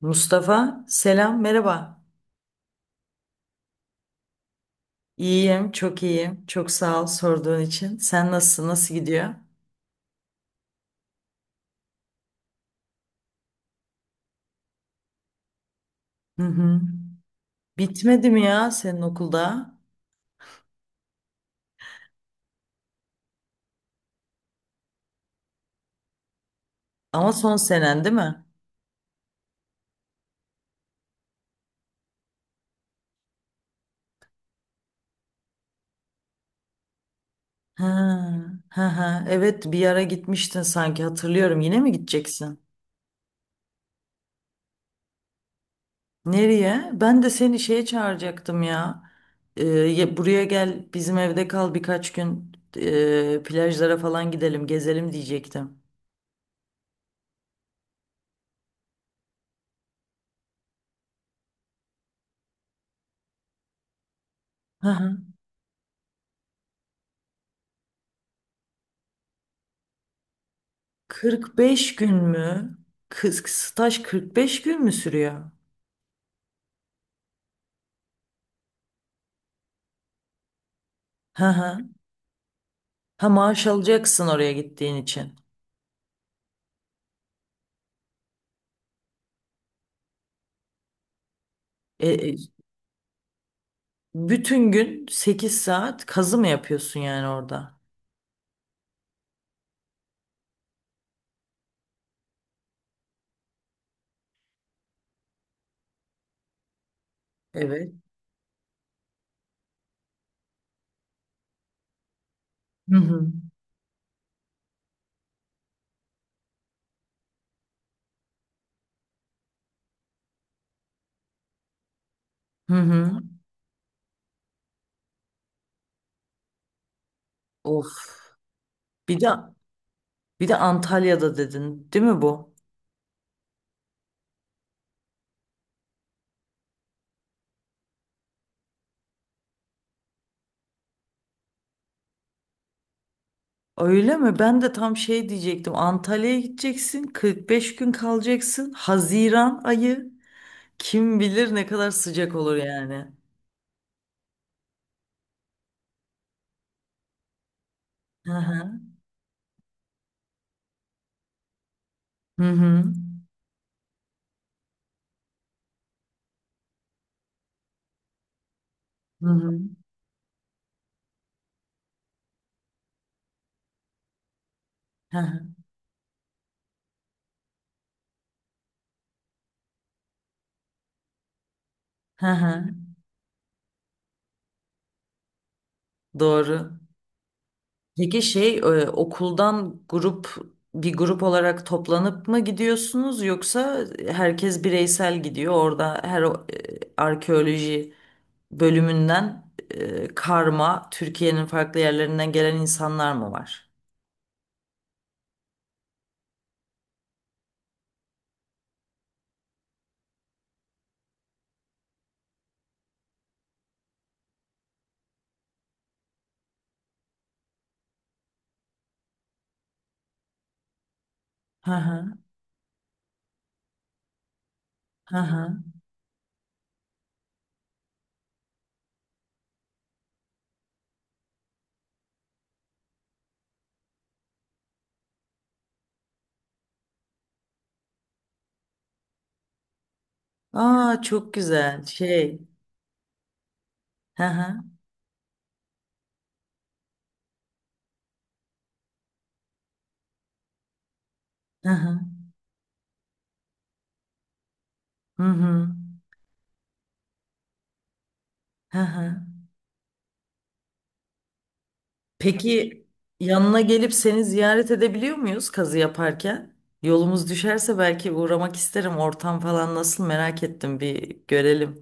Mustafa, selam, merhaba. İyiyim, çok iyiyim. Çok sağ ol sorduğun için. Sen nasılsın, nasıl gidiyor? Hı hı. Bitmedi mi ya senin okulda? Ama son senen değil mi? Ha, ha, ha. Evet, bir ara gitmiştin sanki hatırlıyorum. Yine mi gideceksin? Nereye? Ben de seni şeye çağıracaktım ya. Buraya gel, bizim evde kal birkaç gün. Plajlara falan gidelim, gezelim diyecektim. Hı hı. 45 gün mü? Kız staj 45 gün mü sürüyor? Hı hı. Ha, maaş alacaksın oraya gittiğin için. E, e, bütün gün 8 saat kazı mı yapıyorsun yani orada? Evet. Hı hı. Hı hı. Of. Bir de bir de Antalya'da dedin, değil mi bu? Öyle mi? Ben de tam şey diyecektim. Antalya'ya gideceksin, 45 gün kalacaksın. Haziran ayı kim bilir ne kadar sıcak olur yani. Hı hı. Hı hı. Hı hı. Hı hı. Hı hı. Doğru. Peki şey okuldan bir grup olarak toplanıp mı gidiyorsunuz, yoksa herkes bireysel gidiyor orada, her arkeoloji bölümünden karma Türkiye'nin farklı yerlerinden gelen insanlar mı var? Hı hı. Hı hı. Aa, çok güzel şey. Hı hı. Hı hı. Hı hı. Hı hı. Peki yanına gelip seni ziyaret edebiliyor muyuz kazı yaparken? Yolumuz düşerse belki uğramak isterim. Ortam falan nasıl, merak ettim, bir görelim.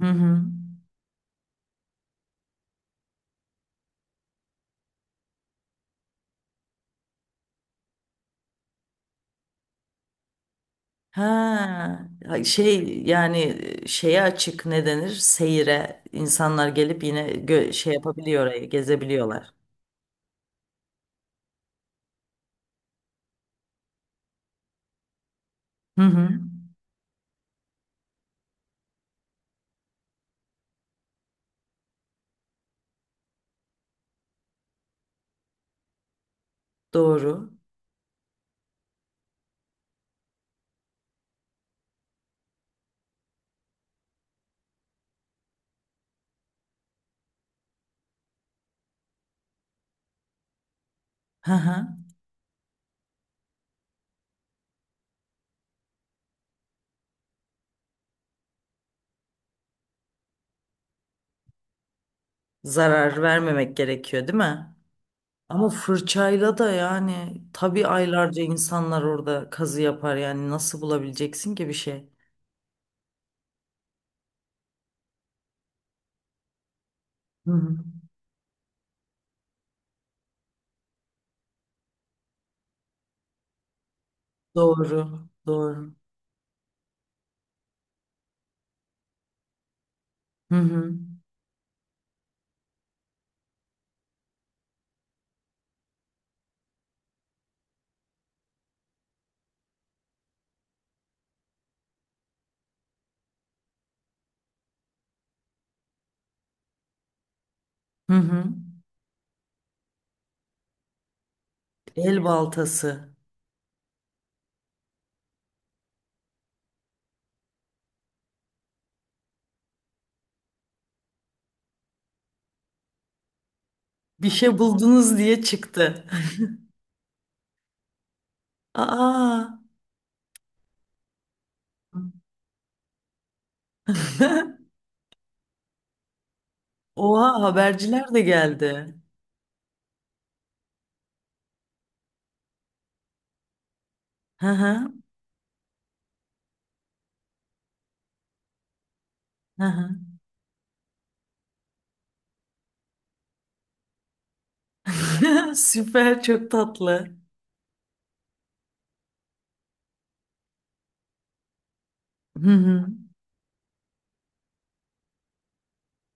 Hı hı. Ha, şey yani şeye açık ne denir? Seyire insanlar gelip yine şey yapabiliyor orayı, gezebiliyorlar? Hı hı. Doğru. Hı hı. Zarar vermemek gerekiyor, değil mi? Ama fırçayla da yani, tabii aylarca insanlar orada kazı yapar, yani nasıl bulabileceksin ki bir şey? Hı hı. Doğru, doğru. Hı hı. Hı hı. El baltası. Bir şey buldunuz diye çıktı. Aa. Oha, haberciler de geldi. Hı hı. Hı hı. Süper, çok tatlı. Hı hı.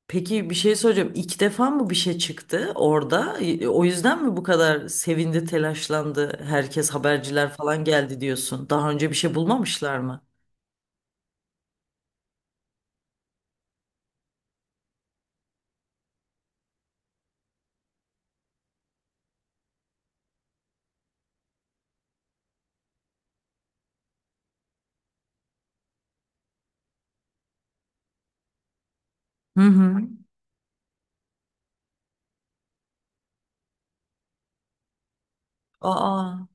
Peki bir şey soracağım. İlk defa mı bir şey çıktı orada? O yüzden mi bu kadar sevindi, telaşlandı? Herkes, haberciler falan geldi diyorsun. Daha önce bir şey bulmamışlar mı? Hı hı. Aa.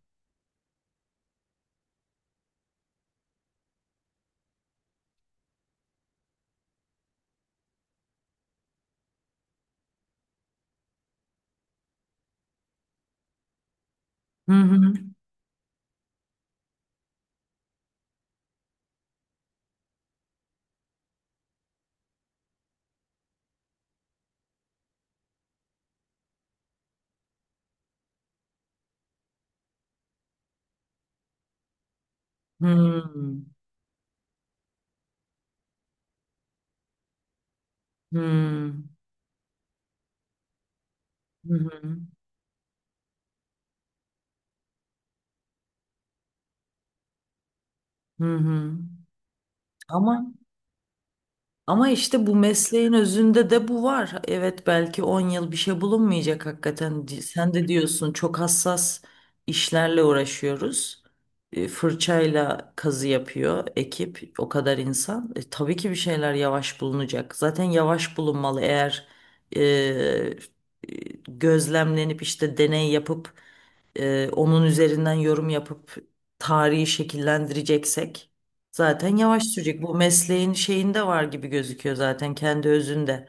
Hı hı. Hı hı. Hı hı. Hı hı. Hı hı. Ama Ama işte bu mesleğin özünde de bu var. Evet, belki 10 yıl bir şey bulunmayacak hakikaten. Sen de diyorsun, çok hassas işlerle uğraşıyoruz. Fırçayla kazı yapıyor ekip, o kadar insan. Tabii ki bir şeyler yavaş bulunacak. Zaten yavaş bulunmalı, eğer e, e, gözlemlenip işte deney yapıp onun üzerinden yorum yapıp tarihi şekillendireceksek. Zaten yavaş sürecek. Bu mesleğin şeyinde var gibi gözüküyor zaten, kendi özünde.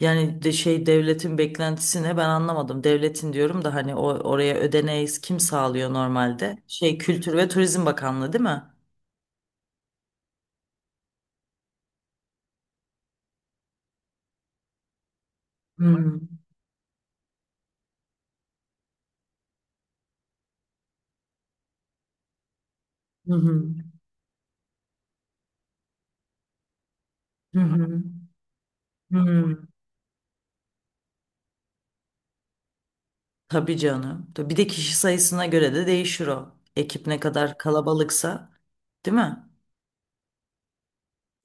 Yani de şey, devletin beklentisine ben anlamadım. Devletin diyorum da, hani o oraya ödeneği kim sağlıyor normalde? Şey, Kültür ve Turizm Bakanlığı değil mi? Hmm. Hı hı. Hı hı. Hı. Tabii canım. Tabii, bir de kişi sayısına göre de değişir o. Ekip ne kadar kalabalıksa, değil mi?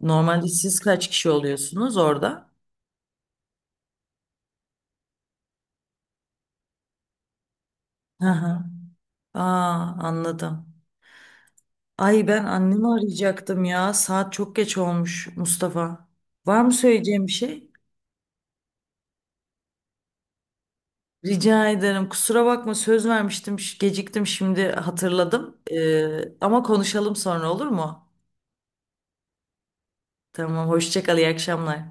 Normalde siz kaç kişi oluyorsunuz orada? Hı hı. Aa, anladım. Ay, ben annemi arayacaktım ya. Saat çok geç olmuş Mustafa. Var mı söyleyeceğim bir şey? Rica ederim. Kusura bakma, söz vermiştim. Geciktim, şimdi hatırladım. Ama konuşalım sonra, olur mu? Tamam, hoşça kal, iyi akşamlar.